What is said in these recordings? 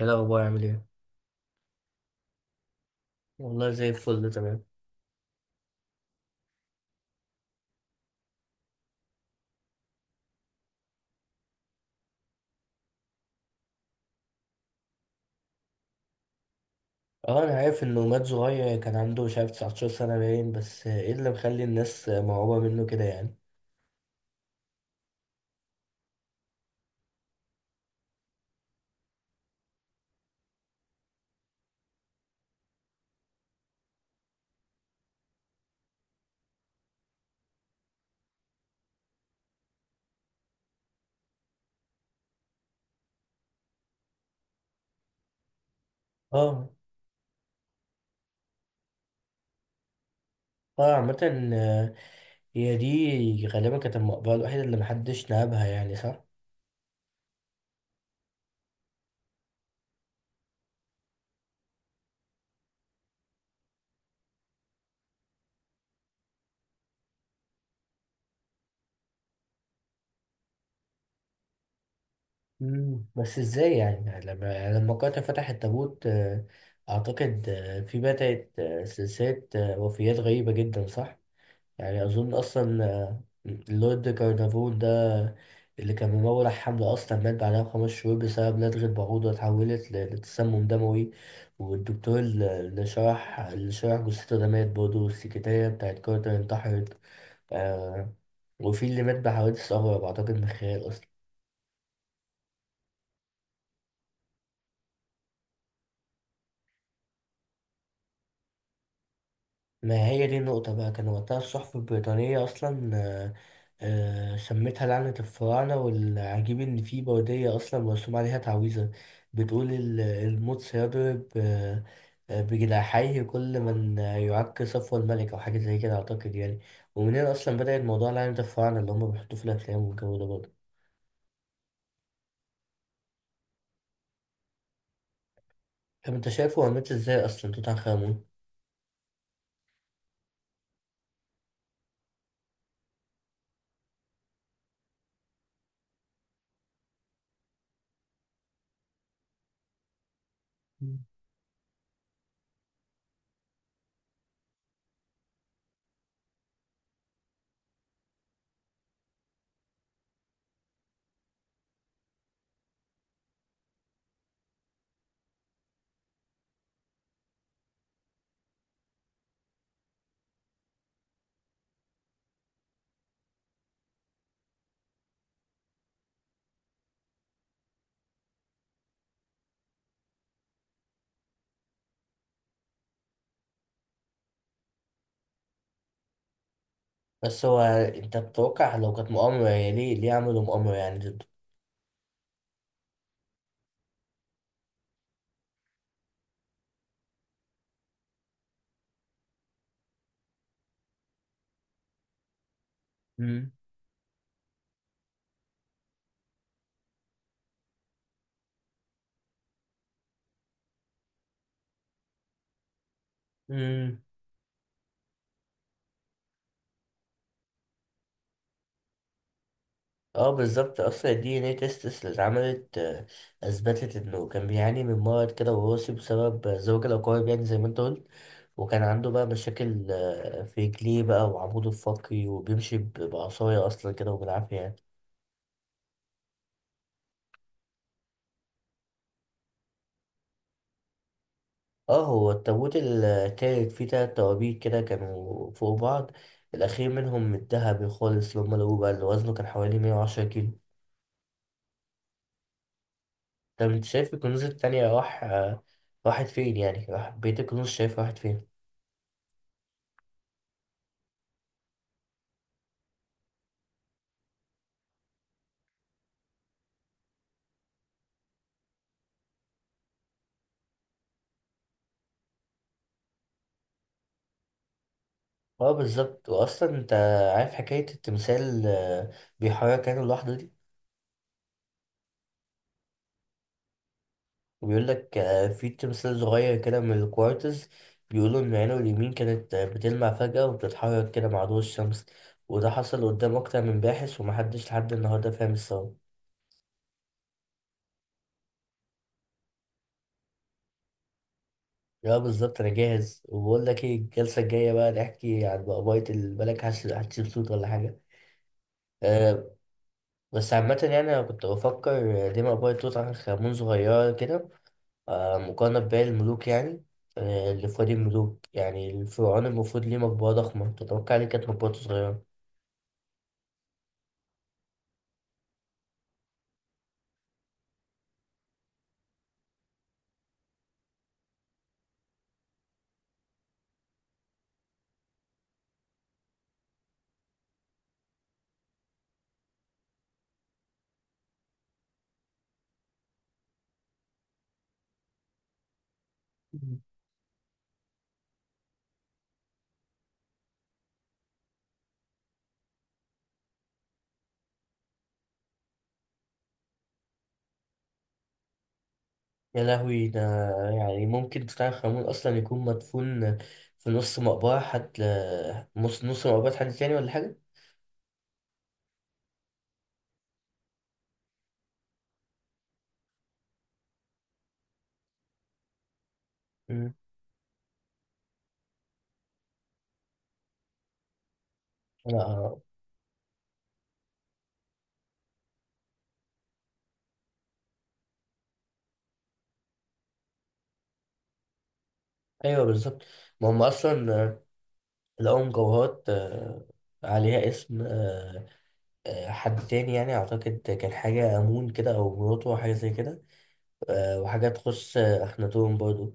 ايه الاخبار، عامل ايه؟ والله زي الفل، تمام. اه، انا عارف انه مات صغير، كان عنده مش عارف 19 سنه باين، بس ايه اللي مخلي الناس مرعوبه منه كده يعني؟ اه. اه، عامه. آه. هي دي غالبا كانت المقبره الوحيده اللي محدش نابها يعني، صح؟ مم. بس ازاي يعني لما قاتل فتح التابوت، اعتقد في بدات سلسله وفيات غريبه جدا، صح؟ يعني أظن أصلا اللورد كارنافون ده اللي كان ممول على الحملة، أصلا مات بعدها بخمس شهور بسبب لدغة بعوضة اتحولت لتسمم دموي. والدكتور اللي شرح جثته ده مات برضه، والسكرتيرة بتاعت كارتر انتحرت. آه. وفي اللي مات بحوادث أغرب أعتقد من الخيال أصلا. ما هي دي النقطة بقى، كان وقتها الصحف البريطانية أصلا سمتها لعنة الفراعنة، والعجيب إن في بودية أصلا مرسوم عليها تعويذة بتقول الموت سيضرب بجناحيه كل من يعك صفو الملك أو حاجة زي كده أعتقد يعني. ومن هنا أصلا بدأت موضوع لعنة الفراعنة اللي هما بيحطوه في الأفلام والجو ده برضه. طب أنت شايفه هو مات إزاي أصلا توت عنخ آمون؟ مم. بس هو أنت بتتوقع لو كانت مؤامرة، يعني ليه عملوا مؤامرة يعني ضده؟ مم. مم. اه بالظبط، اصلا الدي ان اي تيست اللي اتعملت اثبتت انه كان بيعاني من مرض كده وراثي بسبب زواج الاقارب، يعني زي ما انت قلت. وكان عنده بقى مشاكل في رجليه بقى وعموده الفقري، وبيمشي بعصايه اصلا كده وبالعافيه يعني. اه، هو التابوت التالت فيه تلات توابيت كده كانوا فوق بعض. الاخير منهم الذهبي خالص اللي هم لقوه بقى، اللي وزنه كان حوالي 110 كيلو. طب انت شايف الكنوز التانية راح راحت فين؟ يعني راح بيت الكنوز، شايف راحت فين؟ اه بالظبط، واصلا انت عارف حكايه التمثال بيحرك عينه لوحده دي؟ وبيقول لك، في تمثال صغير كده من الكوارتز، بيقولوا ان عينه اليمين كانت بتلمع فجاه وبتتحرك كده مع ضوء الشمس. وده حصل قدام اكتر من باحث، ومحدش لحد النهارده فاهم السبب. اه بالظبط، انا جاهز، وبقول لك ايه، الجلسه الجايه بقى نحكي عن بقبايه البلك هتشيل صوت ولا حاجه؟ أه. بس عامة يعني أنا كنت بفكر، ليه مقبرة توت عنخ آمون صغيرة كده، مقارنة بباقي الملوك يعني، اللي في وادي الملوك؟ يعني الفرعون المفروض ليه مقبرة ضخمة، تتوقع ليه كانت مقبرته صغيرة؟ مم. يا لهوي ده. يعني ممكن تتعرف خامون أصلا يكون مدفون في نص مقبرة حد، نص نص مقبرة حد تاني ولا حاجة؟ مم. لا. أيوه بالظبط. ما هم أصلا لقوا مجوهرات عليها اسم حد تاني، يعني أعتقد كان حاجة أمون كده أو مراته أو حاجة زي كده. وحاجات تخص أخناتون برضو.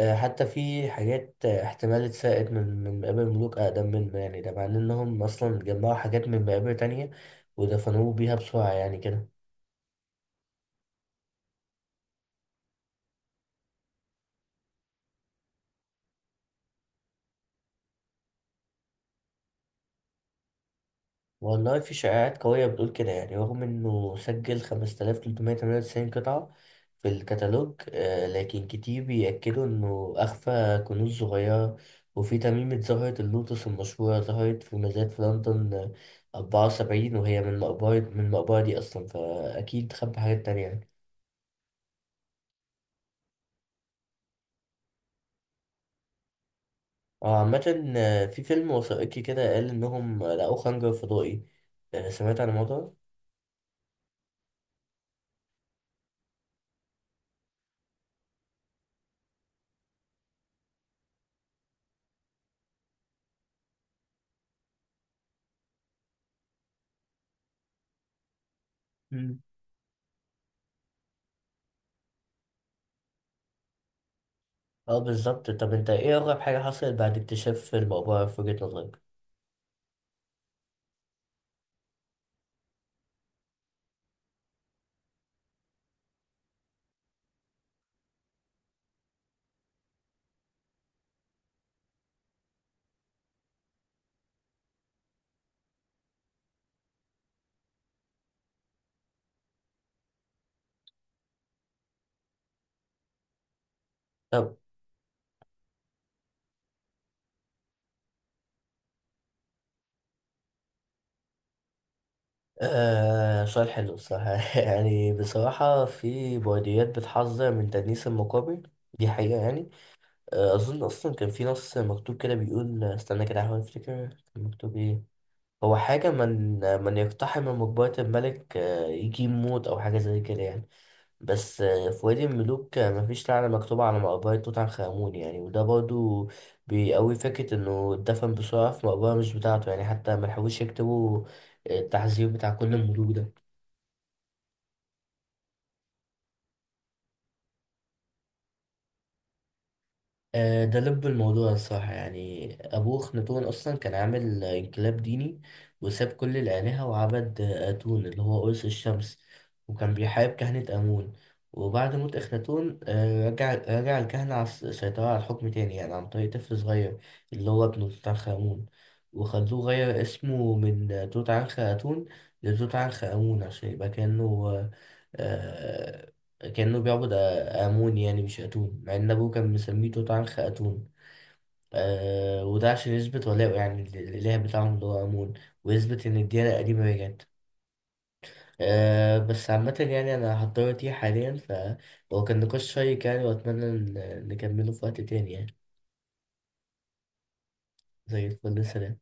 حتى في حاجات احتمال اتسرقت من مقابر ملوك أقدم منه، يعني ده معناه إنهم أصلا جمعوا حاجات من مقابر تانية ودفنوه بيها بسرعة يعني كده. والله في شائعات قوية بتقول كده يعني، رغم إنه سجل 5398 قطعة في الكتالوج، لكن كتير بيأكدوا إنه أخفى كنوز صغيرة. وفي تميمة زهرة اللوتس المشهورة ظهرت في مزاد في لندن 74، وهي من المقبرة دي أصلا، فأكيد خبى حاجات تانية يعني. عامة في فيلم وثائقي كده قال إنهم لقوا خنجر فضائي، سمعت عن الموضوع ده؟ اه بالظبط، طب انت ايه اغرب حاجة حصلت بعد اكتشاف المقبرة في وجهة نظرك؟ طب. سؤال حلو بصراحة يعني بصراحة في بلديات بتحذر من تدنيس المقابر، دي حقيقة يعني. أظن أصلا كان في نص مكتوب كده بيقول، استنى كده أحاول أفتكر كان مكتوب إيه. هو حاجة من يقتحم مقبرة الملك يجيب موت أو حاجة زي كده يعني. بس في وادي الملوك مفيش لعنة مكتوبة على مقبرة توت عنخ آمون يعني، وده برضو بيقوي فكرة إنه اتدفن بسرعة في مقبرة مش بتاعته، يعني حتى ملحقوش يكتبوا التحذير بتاع كل الملوك ده. ده لب الموضوع الصراحة، يعني أبوه أخناتون أصلا كان عامل انقلاب ديني، وساب كل الآلهة وعبد آتون اللي هو قرص الشمس، وكان بيحارب كهنة آمون. وبعد موت أخناتون رجع الكهنة على السيطرة على الحكم تاني، يعني عن طريق طفل صغير اللي هو ابنه توت عنخ آمون. وخلوه غير اسمه من توت عنخ آتون لتوت عنخ آمون، عشان يبقى كأنه آه، كأنه بيعبد امون يعني مش اتون، مع ان ابوه كان مسميه توت عنخ اتون. وده عشان يثبت ولاءه، يعني للاله بتاعهم اللي هو امون، ويثبت ان الديانه القديمه رجعت. بس عامة يعني أنا هضطر أتيه حاليا، فهو كان نقاش شيق يعني، وأتمنى نكمله في وقت تاني يعني. زي الفل، سلام.